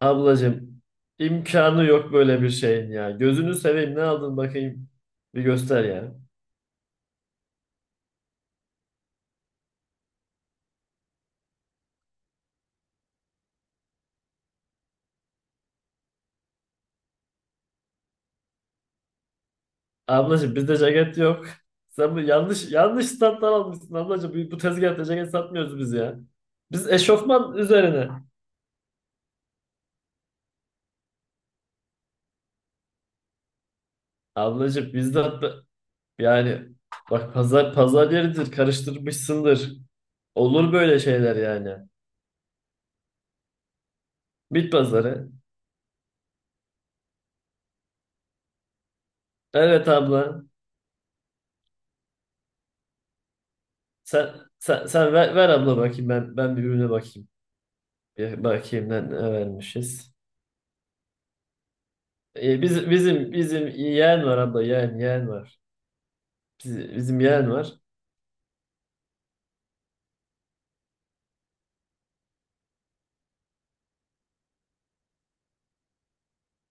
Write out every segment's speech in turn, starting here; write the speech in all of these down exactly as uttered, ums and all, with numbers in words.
Ablacığım imkanı yok böyle bir şeyin ya. Gözünü seveyim ne aldın bakayım. Bir göster ya. Ablacığım bizde ceket yok. Sen bu yanlış yanlış standlar almışsın ablacığım. Bu, bu tezgahta ceket satmıyoruz biz ya. Biz eşofman üzerine. Ablacığım bizde hatta- yani bak pazar pazar yeridir karıştırmışsındır. Olur böyle şeyler yani. Bit pazarı. Evet abla. Sen sen, sen ver, ver abla bakayım ben ben bir ürüne bakayım. Bir bakayım ne, ne vermişiz. E, biz, bizim bizim yeğen var abla yeğen yeğen var. Biz- bizim yeğen var.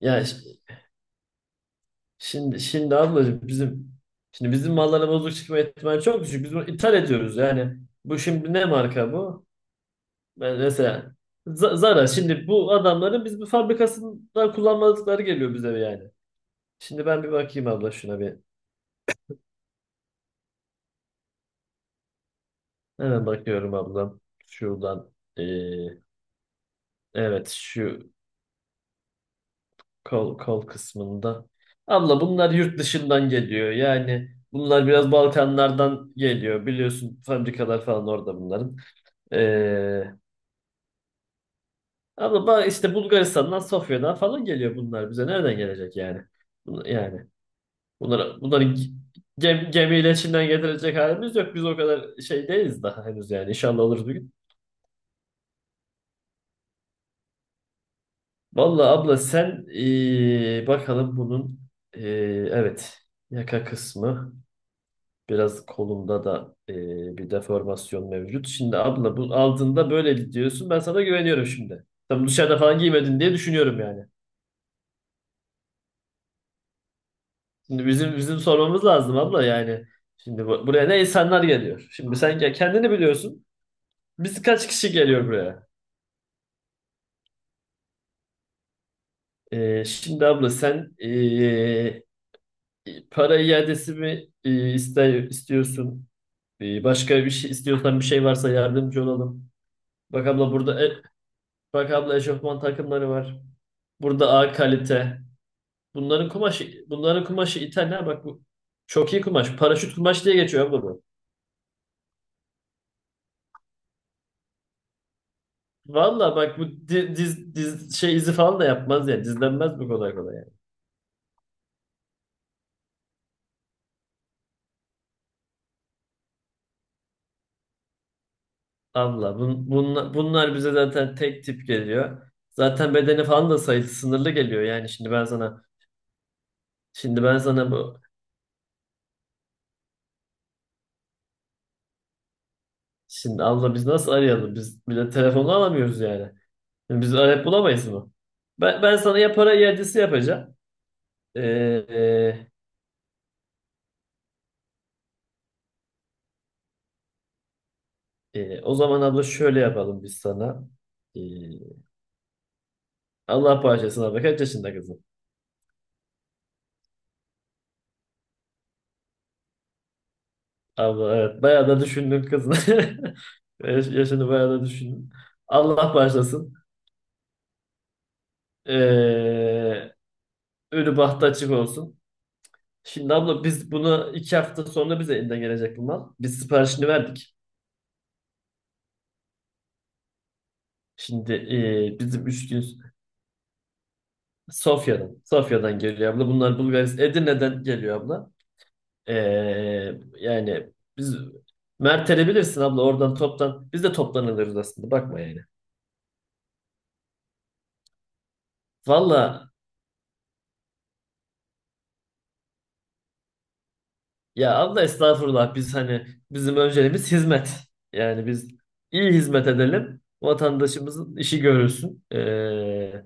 Yani ş- şimdi şimdi ablacığım bizim şimdi bizim mallara bozuk çıkma ihtimali çok düşük. Biz bunu ithal ediyoruz yani. Bu şimdi ne marka bu? Ben mesela Z- Zara şimdi bu adamların biz bu fabrikasında kullanmadıkları geliyor bize yani. Şimdi ben bir bakayım abla şuna bir. Hemen bakıyorum ablam. Şuradan. e, evet şu Kol, kol kısmında. Abla bunlar yurt dışından geliyor. Yani bunlar biraz Balkanlardan geliyor. Biliyorsun fabrikalar falan orada bunların. Ee, Abla ba- işte Bulgaristan'dan, Sofya'dan falan geliyor bunlar bize. Nereden gelecek yani? Bun- Yani bunları, bunları gi- gem, gemiyle Çin'den getirecek halimiz yok. Biz o kadar şey değiliz daha henüz yani. İnşallah olur bir gün. Vallahi abla sen ee, bakalım bunun ee, evet yaka kısmı. Biraz kolumda da e, bir deformasyon mevcut. Şimdi abla bu altında böyle diyorsun. Ben sana güveniyorum şimdi. Tam dışarıda falan giymedin diye düşünüyorum yani. Şimdi bizim bizim sormamız lazım abla yani. Şimdi bu- buraya ne insanlar geliyor. Şimdi sen ya kendini biliyorsun. Biz kaç kişi geliyor buraya? E, şimdi abla sen e, para iadesi mi e, iste- istiyorsun? E, başka bir şey istiyorsan bir şey varsa yardımcı olalım. Bak abla burada e, bak abla eşofman takımları var. Burada A kalite. Bunların kumaşı, bunların kumaşı İtalya. Bak bu çok iyi kumaş. Paraşüt kumaş diye geçiyor abla bu. Valla bak bu di- diz, diz, şey izi falan da yapmaz yani. Dizlenmez bu kolay kolay yani. Allah bun, bunla- bunlar bize zaten tek tip geliyor. Zaten bedeni falan da sayısı sınırlı geliyor yani. Şimdi ben sana şimdi ben sana bu Şimdi abla biz nasıl arayalım? Biz bile telefonu alamıyoruz yani. Biz arayıp bulamayız mı? Ben, ben sana ya para iadesi yapacağım. Ee, e, Ee, o zaman abla şöyle yapalım biz sana. Ee, Allah bağışlasın abla. Kaç yaşında kızım? Abla evet bayağı da düşündün kızım. Yaş- Yaşını bayağı da düşündün. Allah bağışlasın. Ee, Ölü bahtı açık olsun. Şimdi abla biz bunu iki hafta sonra bize elinden gelecek bu mal. Biz siparişini verdik. Şimdi ee, bizim üç gün Sofya'dan. Sofya'dan geliyor abla. Bunlar Bulgaristan. Edirne'den geliyor abla. Ee, Yani biz Mert'e bilirsin abla oradan toptan biz de toplanılırız aslında bakma yani. Valla ya abla estağfurullah biz hani bizim önceliğimiz hizmet. Yani biz iyi hizmet edelim vatandaşımızın işi görülsün. Ee,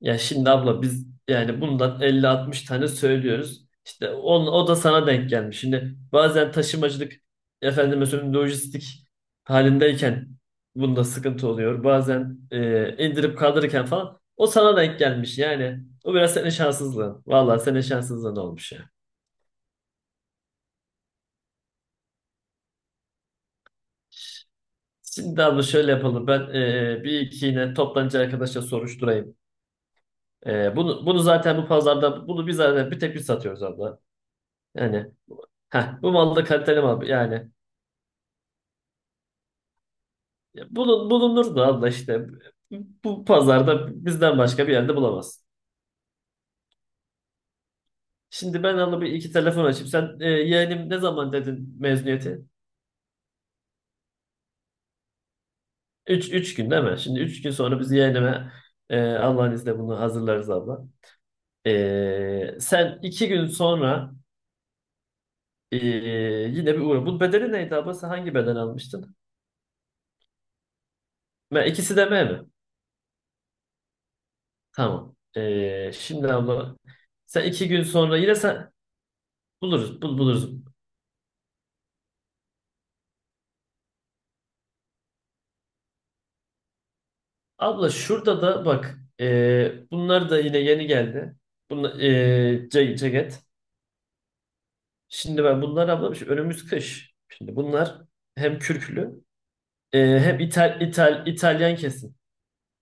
Ya şimdi abla biz yani bundan elli altmış tane söylüyoruz. İşte on, o da sana denk gelmiş. Şimdi bazen taşımacılık efendim mesela lojistik halindeyken bunda sıkıntı oluyor. Bazen e, indirip kaldırırken falan o sana denk gelmiş. Yani o biraz senin şanssızlığın. Vallahi senin şanssızlığın olmuş ya. Şimdi abla şöyle yapalım. Ben e, bir iki yine toptancı arkadaşa soruşturayım. E, bunu, bunu zaten bu pazarda bunu biz zaten bir tek biz satıyoruz abla. Yani. Heh, bu malda kaliteli mal yani. Ya bulun, bulunur da abla işte bu pazarda bizden başka bir yerde bulamazsın. Şimdi ben abla bir iki telefon açıp sen e, yeğenim ne zaman dedin mezuniyeti? Üç, üç gün değil mi? Şimdi üç gün sonra biz yeğenime e, Allah'ın izniyle bunu hazırlarız abla. E, sen iki gün sonra e, yine bir uğra. Bu bedeli neydi abla? Sen hangi beden almıştın? Me, ikisi de M mi? Tamam. E, şimdi abla sen iki gün sonra yine sen buluruz bul, buluruz. Abla şurada da bak e, bunlar da yine yeni geldi. Bunlar, e, ce- ceket. Şimdi ben bunlar abla şu önümüz kış. Şimdi bunlar hem kürklü e, hem İtal, İtal, İtalyan kesim.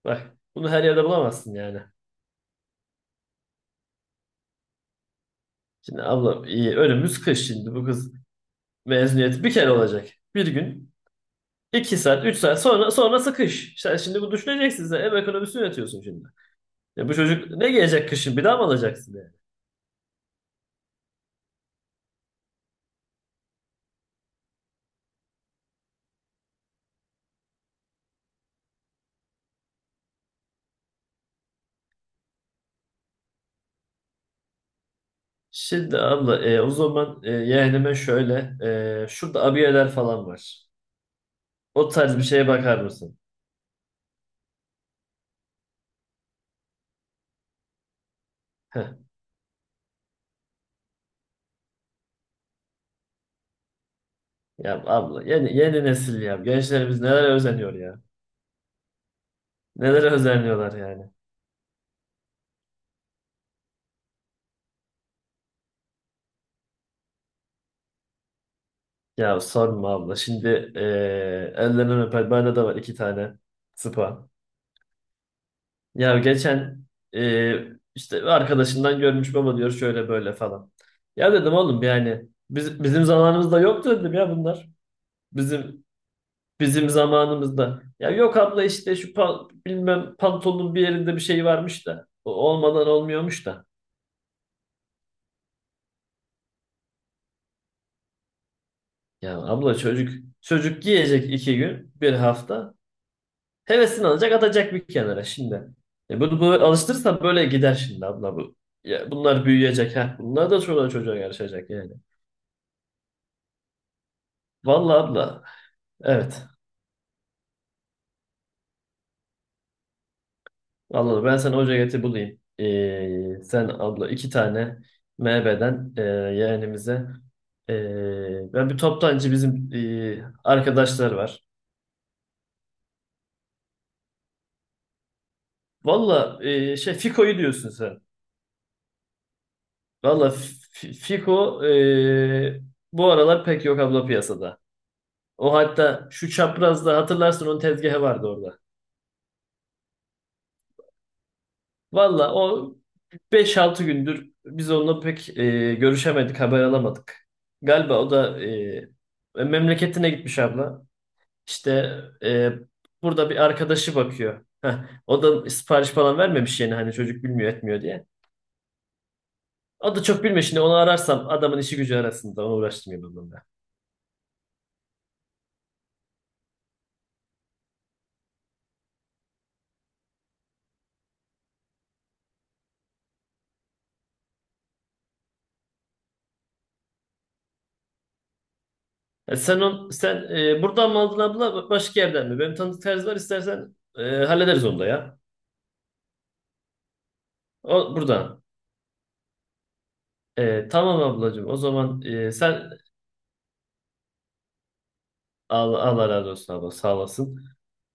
Bak bunu her yerde bulamazsın yani. Şimdi abla e, önümüz kış şimdi bu kız mezuniyeti bir kere olacak. Bir gün iki saat üç saat sonra sonrası kış. İşte şimdi bu düşüneceksin sen ev ekonomisini yönetiyorsun şimdi. Ya bu çocuk ne gelecek kışın bir daha mı alacaksın yani? Şimdi abla e, o zaman e, yeğenime şöyle e, şurada abiyeler falan var. O tarz bir şeye bakar mısın? Heh, ya abla yeni, yeni nesil ya. Gençlerimiz nelere özeniyor ya. Nelere özeniyorlar yani. Ya sorma abla. Şimdi e, ellerinden öper. Bende de var iki tane sıpa. Ya geçen e, işte arkadaşından görmüş baba diyor şöyle böyle falan. Ya dedim oğlum yani biz, bizim zamanımızda yoktu dedim ya bunlar. Bizim Bizim zamanımızda. Ya yok abla işte şu pa- bilmem pantolonun bir yerinde bir şey varmış da. O olmadan olmuyormuş da. Ya abla çocuk çocuk giyecek iki gün, bir hafta. Hevesini alacak atacak bir kenara şimdi. E bunu böyle alıştırırsan böyle gider şimdi abla bu. Ya bunlar büyüyecek ha. Bunlar da çoluğa çocuğa yarışacak yani. Vallahi abla. Evet. Anladım. Ben sana hoca eti bulayım. Ee, sen abla iki tane M B'den e, yeğenimize e, ben bir toptancı bizim e, arkadaşlar var. Valla e, şey Fiko'yu diyorsun sen. Valla F- Fiko e, bu aralar pek yok abla piyasada. O hatta şu çaprazda hatırlarsın onun tezgahı vardı orada. Valla o Beş altı gündür biz onunla pek e, görüşemedik, haber alamadık. Galiba o da e, e, memleketine gitmiş abla. İşte e, burada bir arkadaşı bakıyor. Heh, o da sipariş falan vermemiş yeni hani çocuk bilmiyor etmiyor diye. O da çok bilmiyor şimdi onu ararsam adamın işi gücü arasında onu uğraştırmayayım onunla. E, sen on, sen e, buradan mı aldın abla başka yerden mi? Benim tanıdık terzi var istersen e, hallederiz onu da ya. O buradan. E, tamam ablacığım o zaman e, sen Allah, Allah razı olsun abla sağ olasın.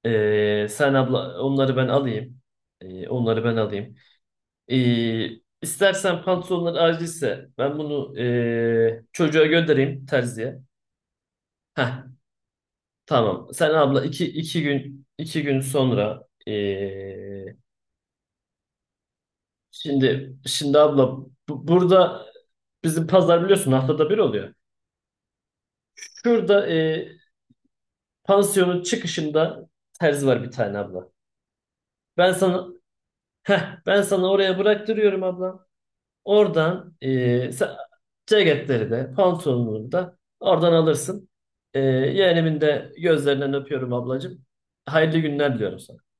Ee, sen abla onları ben alayım. Ee, onları ben alayım. Ee, istersen pantolonlar acilse ben bunu ee, çocuğa göndereyim terziye. Heh, tamam. Sen abla iki, iki gün iki gün sonra ee, şimdi şimdi abla bu- burada bizim pazar biliyorsun haftada bir oluyor. Şurada ee, pansiyonun çıkışında terzi var bir tane abla. Ben sana heh, ben sana oraya bıraktırıyorum abla. Oradan e, sen- Ceketleri de pantolonunu da oradan alırsın. E, yeğenimin de gözlerinden öpüyorum ablacığım. Hayırlı günler diliyorum sana.